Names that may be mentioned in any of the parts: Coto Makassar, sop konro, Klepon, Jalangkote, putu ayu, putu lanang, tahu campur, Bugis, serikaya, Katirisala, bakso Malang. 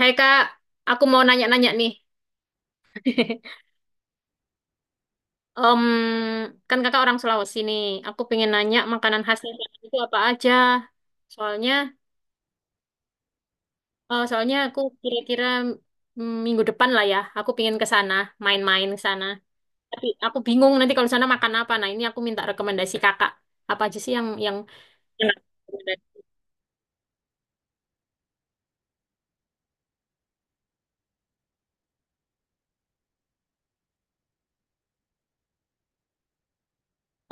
Hai Kak, aku mau nanya-nanya nih. Em, Kan Kakak orang Sulawesi nih. Aku pengen nanya makanan khasnya Kakak itu apa aja. Soalnya, soalnya aku kira-kira minggu depan lah ya. Aku pengen ke sana, main-main ke sana. Tapi aku bingung nanti kalau sana makan apa. Nah ini aku minta rekomendasi Kakak. Apa aja sih yang enak?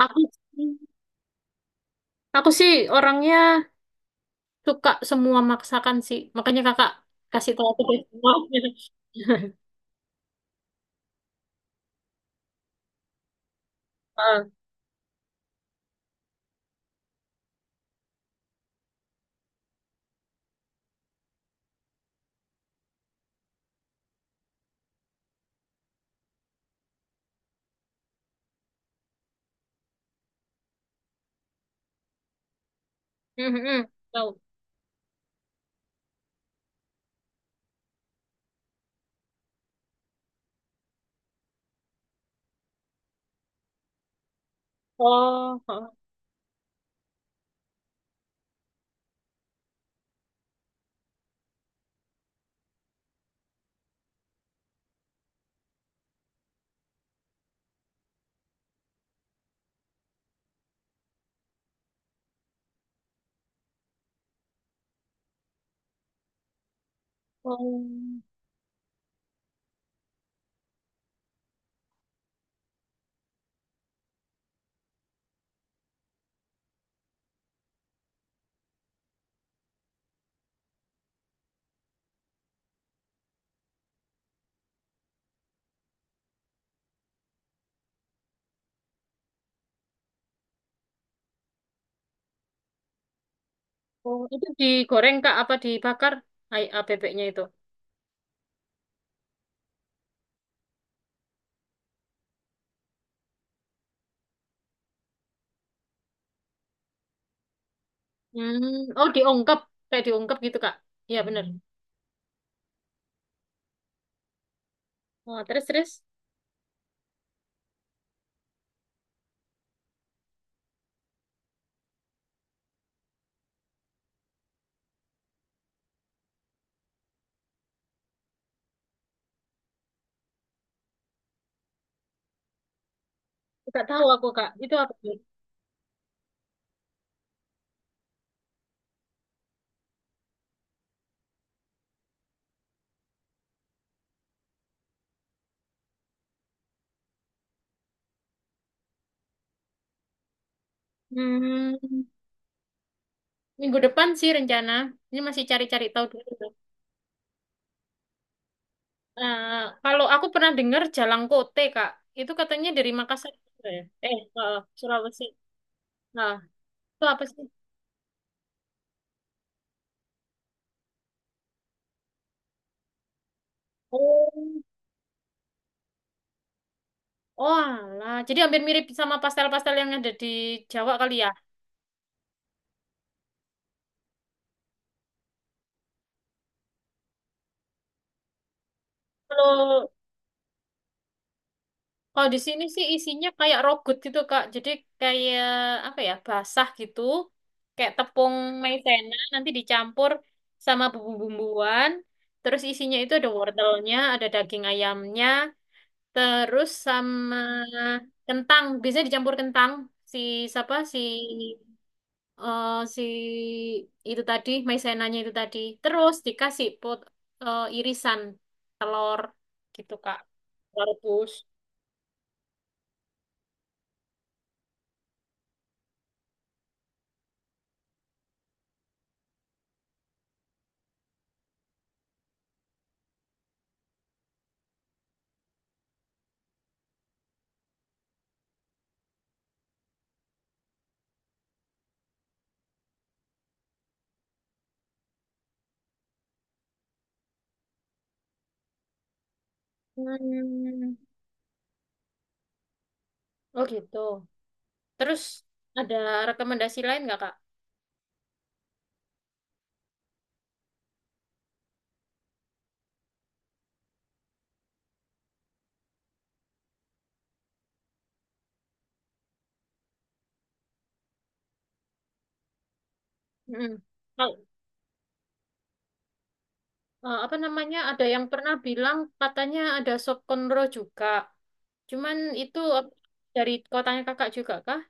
Aku aku sih orangnya suka semua masakan sih. Makanya Kakak kasih tahu aku deh. Heeh. Mhm, tahu. Oh, oh, oh, oh. Itu digoreng Kak apa dibakar? Bebeknya itu. Hmm, oh diungkep, kayak diungkep gitu Kak. Iya bener. Oh, terus terus nggak tahu aku Kak. Itu apa tuh? Hmm, minggu depan sih rencana. Ini masih cari-cari tahu dulu. Eh, kalau aku pernah dengar Jalangkote Kak. Itu katanya dari Makassar juga ya, Sulawesi. Nah, itu apa sih? Oh. Oh, alah. Jadi hampir mirip sama pastel-pastel yang ada di Jawa kali ya. Kalau kalau di sini sih isinya kayak rogut gitu, Kak. Jadi kayak apa ya? Basah gitu. Kayak tepung maizena nanti dicampur sama bumbu-bumbuan. Terus isinya itu ada wortelnya, ada daging ayamnya, terus sama kentang. Biasanya dicampur kentang si siapa si eh, si itu tadi, maizenanya itu tadi. Terus dikasih irisan telur gitu, Kak. Telur rebus. Hmm. Oh gitu. Terus ada rekomendasi lain nggak, Kak? Mm-mm. Oh, eh, apa namanya? Ada yang pernah bilang katanya ada sop konro juga. Cuman itu eh, dari kotanya kakak juga kah?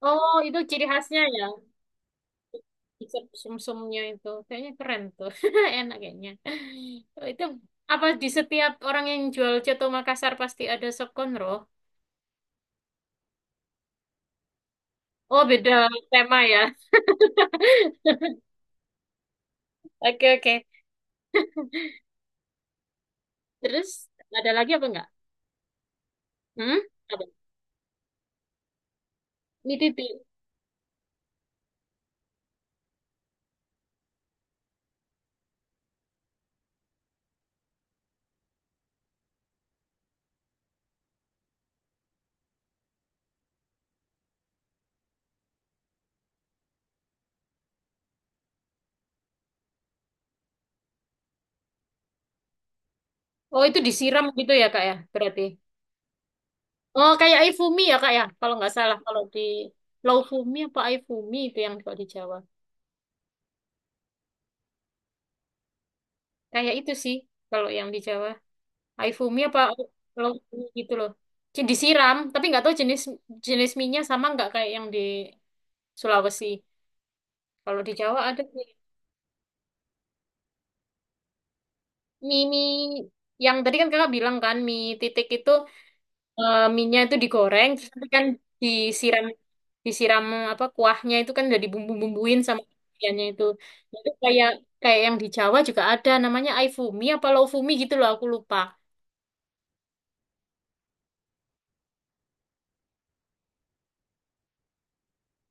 Oh, itu ciri khasnya ya. Dessert sum-sumnya itu kayaknya keren tuh. Enak kayaknya. Oh, itu apa di setiap orang yang jual coto Makassar pasti ada sokonro? Oh, beda tema ya. Oke, oke. Terus ada lagi apa enggak? Hmm? Apa? Ini titik. Oh, itu disiram gitu ya, Kak ya? Berarti. Oh, kayak ifumi ya, Kak ya? Kalau nggak salah, kalau di laufumi apa ifumi itu yang kalau di Jawa. Kayak itu sih kalau yang di Jawa. Aifumi apa Lofumi gitu loh. Jadi disiram, tapi nggak tahu jenis jenis mie sama nggak kayak yang di Sulawesi. Kalau di Jawa ada sih. Mie mie yang tadi kan kakak bilang kan mie titik itu, mie-nya itu digoreng, terus nanti kan disiram disiram apa kuahnya itu kan udah dibumbu-bumbuin sama ikannya itu. Itu kayak kayak yang di Jawa juga ada namanya Aifumi apa Lofumi gitu loh aku lupa.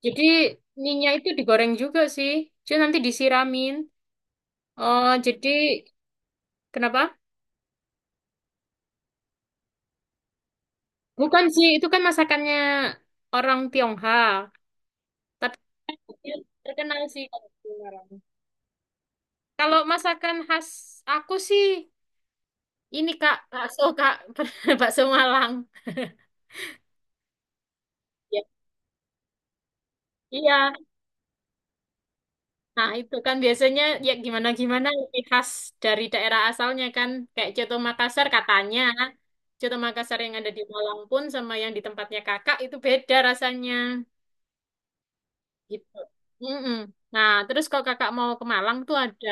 Jadi mie-nya itu digoreng juga sih. Cuma nanti disiramin. Oh, jadi kenapa? Bukan sih, itu kan masakannya orang Tionghoa. Tapi dia terkenal sih kalau di Semarang. Kalau masakan khas aku sih ini Kak, bakso Kak, bakso Malang. Ya. Iya. Nah, itu kan biasanya ya gimana-gimana lebih khas dari daerah asalnya kan. Kayak Coto Makassar katanya. Coto Makassar yang ada di Malang pun sama yang di tempatnya Kakak itu beda rasanya. Gitu. Mm-mm. Nah, terus kalau kakak mau ke Malang tuh ada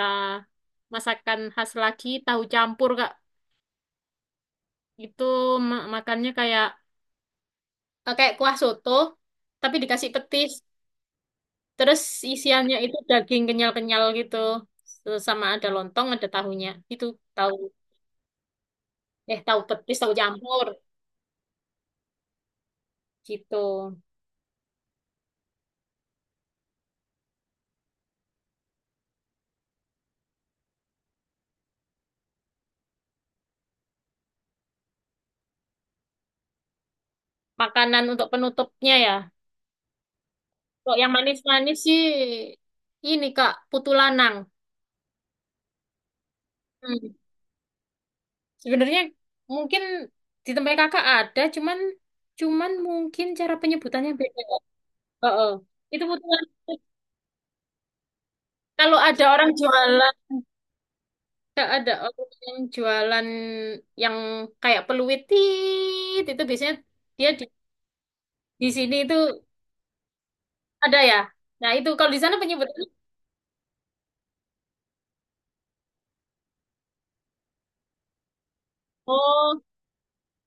masakan khas lagi, tahu campur, Kak. Itu makannya kayak kayak kuah soto, tapi dikasih petis. Terus isiannya itu daging kenyal-kenyal gitu. Terus sama ada lontong, ada tahunya. Itu tahu tahu petis, tahu campur gitu. Makanan untuk penutupnya ya. Kok yang manis-manis sih ini, Kak, putu lanang. Hmm. Sebenarnya mungkin di tempat kakak ada, cuman cuman mungkin cara penyebutannya beda. Oh, oh. Itu putulan. Kalau ada orang jualan, kalau ada orang yang jualan yang kayak peluit tit, itu biasanya dia di sini itu ada ya. Nah, itu kalau di sana penyebutannya oh,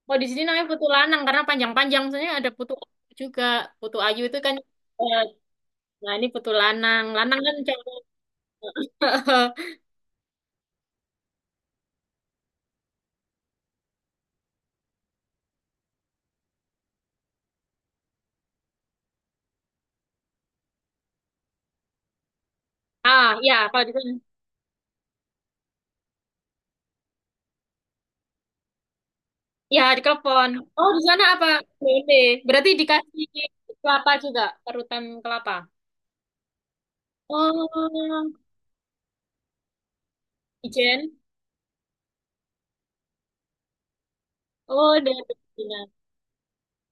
kalau di sini namanya putu lanang karena panjang-panjang. Misalnya ada putu ayu juga. Putu ayu itu kan eh, nah ini putu lanang. Lanang kan cowok. Ah, ya, kalau di sana. Ya, di Klepon. Oh, di sana apa? BLT. Berarti dikasih kelapa juga, parutan kelapa. Oh, Ijen. Oh, dari Filipina.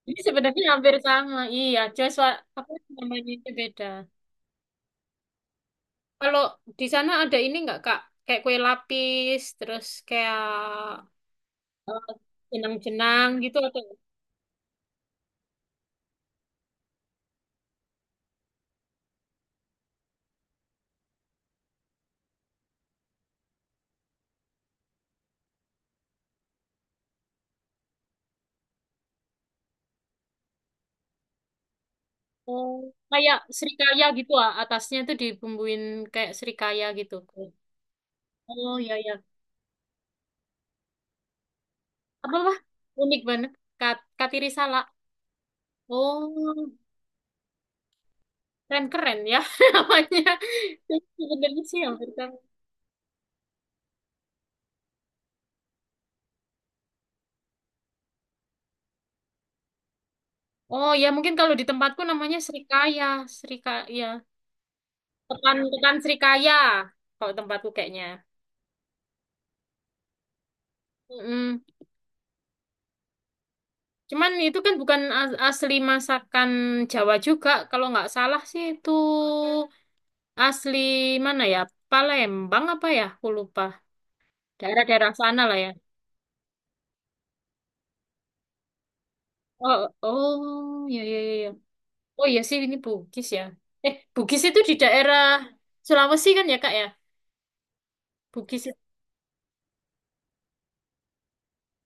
Ini sebenarnya hampir sama. Iya, Joshua apa namanya itu beda. Kalau di sana ada ini nggak, Kak? Kayak kue lapis, terus kayak eh, jenang-jenang gitu atau oh, kayak serikaya gitu ah. Atasnya tuh dibumbuin kayak serikaya gitu. Oh, iya, iya. Apalah, unik banget. Kat, Katirisala. Oh, keren-keren ya namanya. Sebenarnya sih hampir sama. Oh ya, mungkin kalau di tempatku namanya Srikaya. Srikaya. Tekan, tekan Srikaya. Kalau tempatku kayaknya. Mm-mm. Cuman itu kan bukan asli masakan Jawa juga. Kalau nggak salah sih itu asli mana ya? Palembang apa ya? Aku lupa. Daerah-daerah sana lah ya. Oh, oh, ya. Oh iya sih ini Bugis ya. Eh, Bugis itu di daerah Sulawesi kan ya Kak ya? Bugis itu.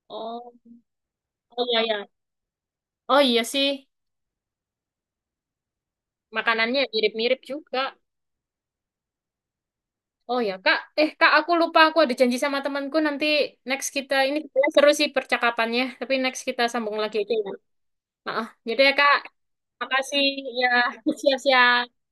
Oh, oh iya ya. Oh iya sih. Makanannya mirip-mirip juga. Oh ya Kak. Eh Kak aku lupa aku ada janji sama temanku nanti next kita ini sebenarnya seru sih percakapannya. Tapi next kita sambung lagi aja ya. Maaf. Jadi ya Kak. Makasih ya. Siap-siap.